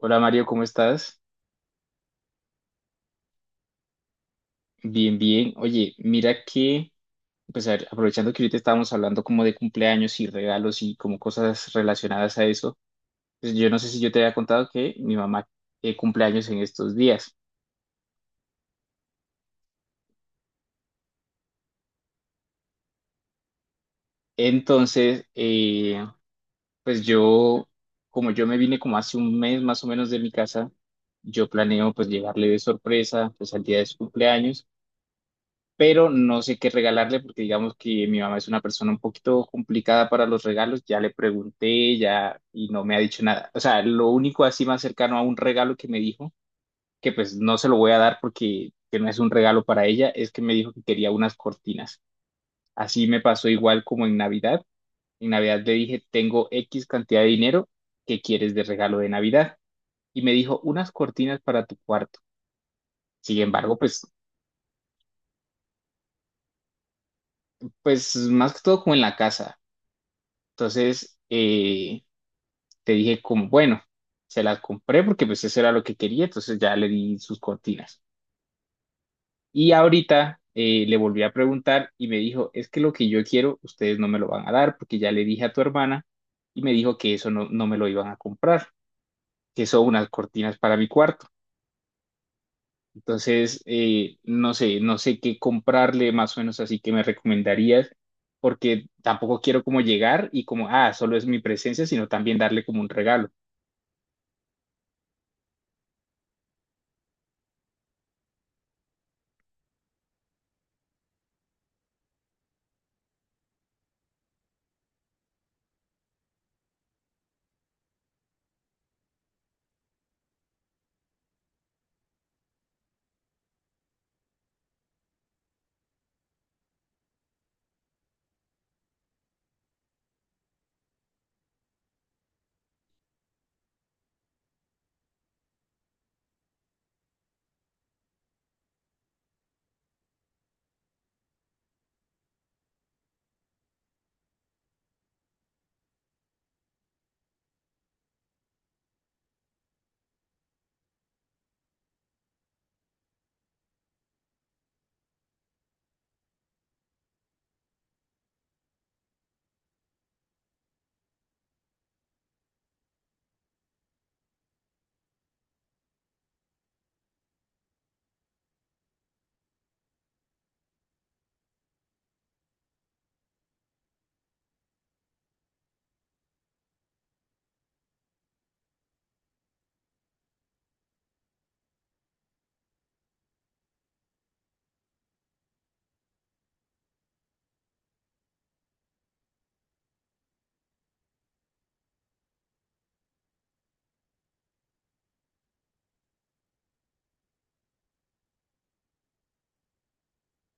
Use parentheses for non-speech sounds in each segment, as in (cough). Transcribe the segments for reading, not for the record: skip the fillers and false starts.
Hola Mario, ¿cómo estás? Bien, bien. Oye, mira que, pues a ver, aprovechando que ahorita estábamos hablando como de cumpleaños y regalos y como cosas relacionadas a eso, pues yo no sé si yo te había contado que mi mamá cumpleaños en estos días. Entonces, eh, pues yo, como yo me vine como hace un mes más o menos de mi casa, yo planeo pues llegarle de sorpresa pues al día de su cumpleaños, pero no sé qué regalarle porque digamos que mi mamá es una persona un poquito complicada para los regalos. Ya le pregunté, ya, y no me ha dicho nada. O sea, lo único así más cercano a un regalo que me dijo, que pues no se lo voy a dar porque que no es un regalo para ella, es que me dijo que quería unas cortinas. Así me pasó igual como en Navidad. En Navidad le dije, tengo X cantidad de dinero, ¿qué quieres de regalo de Navidad? Y me dijo, unas cortinas para tu cuarto. Sin embargo, pues, pues más que todo como en la casa. Entonces, eh, te dije como, bueno, se las compré porque pues eso era lo que quería, entonces ya le di sus cortinas. Y ahorita le volví a preguntar y me dijo, es que lo que yo quiero, ustedes no me lo van a dar porque ya le dije a tu hermana y me dijo que eso no, no me lo iban a comprar, que son unas cortinas para mi cuarto. Entonces, no sé, no sé qué comprarle más o menos, así que me recomendarías, porque tampoco quiero como llegar y como, ah, solo es mi presencia, sino también darle como un regalo.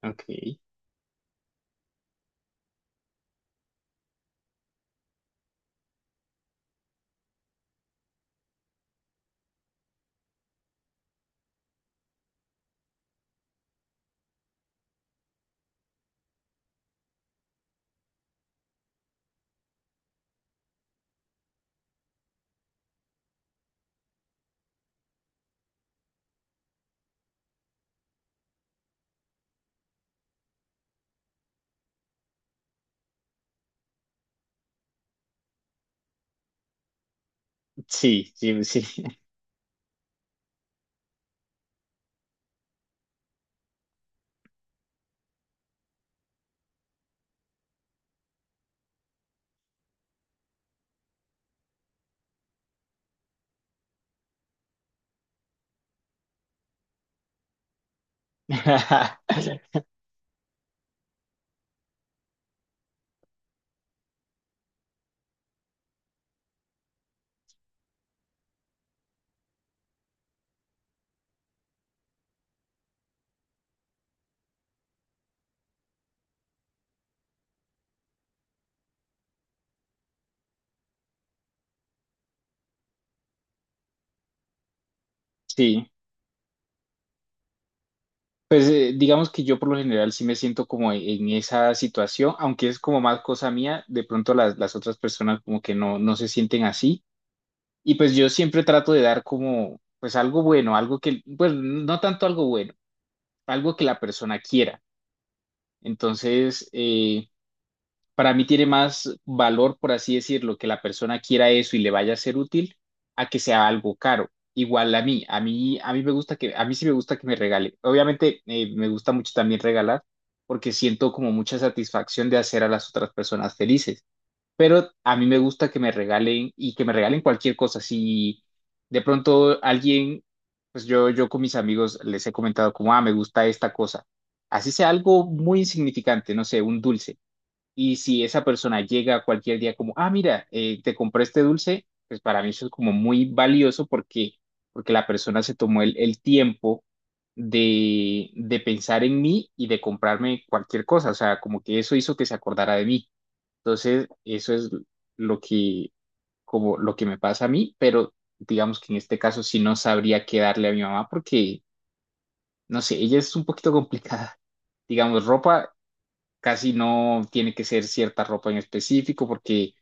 Ok, sí, sí, sí. (laughs) Sí, pues digamos que yo por lo general sí me siento como en esa situación, aunque es como más cosa mía, de pronto las otras personas como que no, no se sienten así. Y pues yo siempre trato de dar como pues algo bueno, algo que, pues no tanto algo bueno, algo que la persona quiera. Entonces, para mí tiene más valor, por así decirlo, que la persona quiera eso y le vaya a ser útil a que sea algo caro. Igual a mí me gusta que, a mí sí me gusta que me regale. Obviamente, me gusta mucho también regalar porque siento como mucha satisfacción de hacer a las otras personas felices. Pero a mí me gusta que me regalen y que me regalen cualquier cosa. Si de pronto alguien, yo con mis amigos les he comentado como, ah, me gusta esta cosa. Así sea algo muy insignificante, no sé, un dulce, y si esa persona llega cualquier día como, ah, mira, te compré este dulce, pues para mí eso es como muy valioso porque, porque la persona se tomó el tiempo de pensar en mí y de comprarme cualquier cosa. O sea, como que eso hizo que se acordara de mí. Entonces, eso es lo que, como lo que me pasa a mí, pero digamos que en este caso sí no sabría qué darle a mi mamá porque, no sé, ella es un poquito complicada. Digamos, ropa casi no tiene que ser cierta ropa en específico porque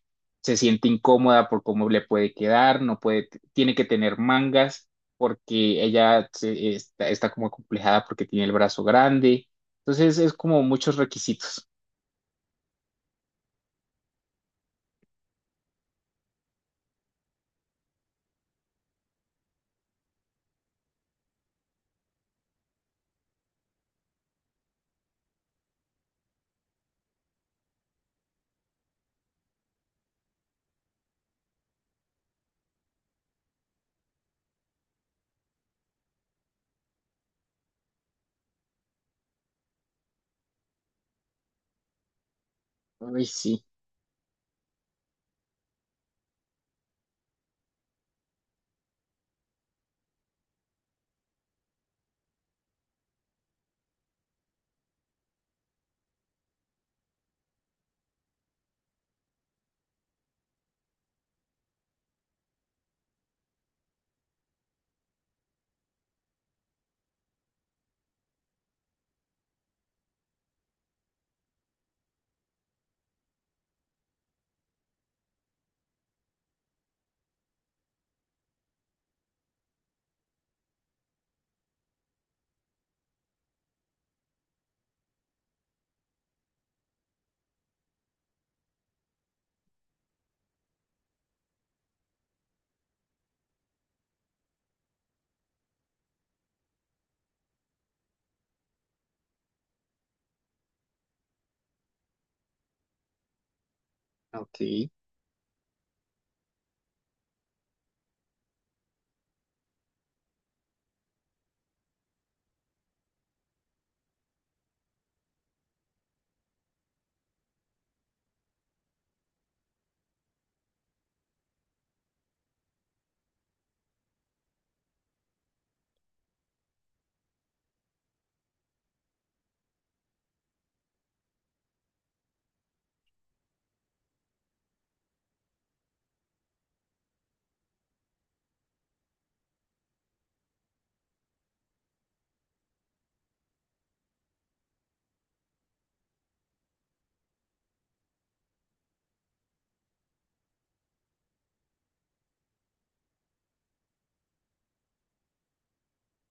se siente incómoda por cómo le puede quedar, no puede, tiene que tener mangas porque está, está como complejada porque tiene el brazo grande. Entonces es como muchos requisitos. Ay, sí, ok.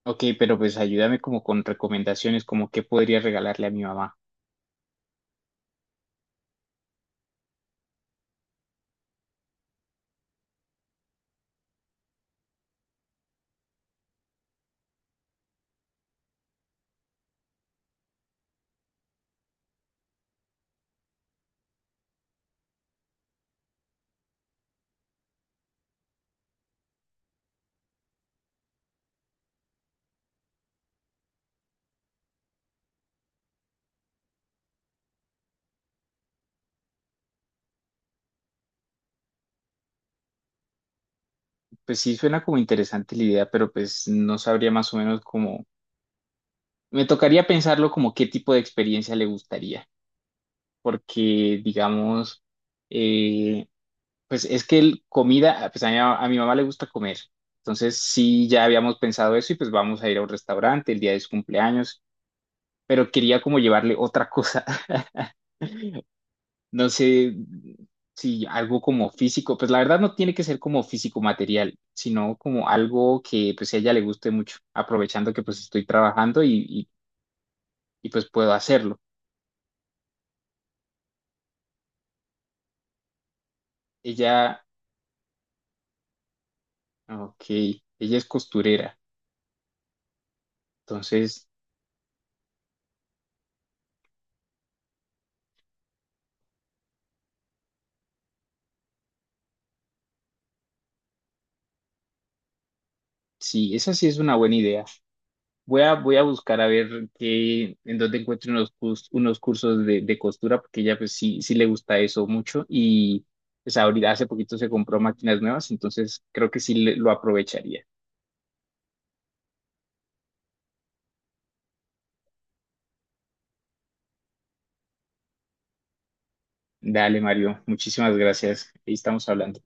Ok, pero pues ayúdame como con recomendaciones, como qué podría regalarle a mi mamá. Pues sí, suena como interesante la idea, pero pues no sabría más o menos como... Me tocaría pensarlo como qué tipo de experiencia le gustaría. Porque, digamos, eh, pues es que el comida, pues a mi mamá le gusta comer. Entonces, sí, ya habíamos pensado eso y pues vamos a ir a un restaurante el día de su cumpleaños, pero quería como llevarle otra cosa. (laughs) No sé si algo como físico, pues la verdad no tiene que ser como físico material, sino como algo que pues a ella le guste mucho, aprovechando que pues estoy trabajando y pues puedo hacerlo. Ella, ok, ella es costurera, entonces... Sí, esa sí es una buena idea. Voy a buscar a ver qué, en dónde encuentro unos, unos cursos de costura, porque ella pues sí, sí le gusta eso mucho y pues ahorita hace poquito se compró máquinas nuevas, entonces creo que lo aprovecharía. Dale, Mario, muchísimas gracias. Ahí estamos hablando.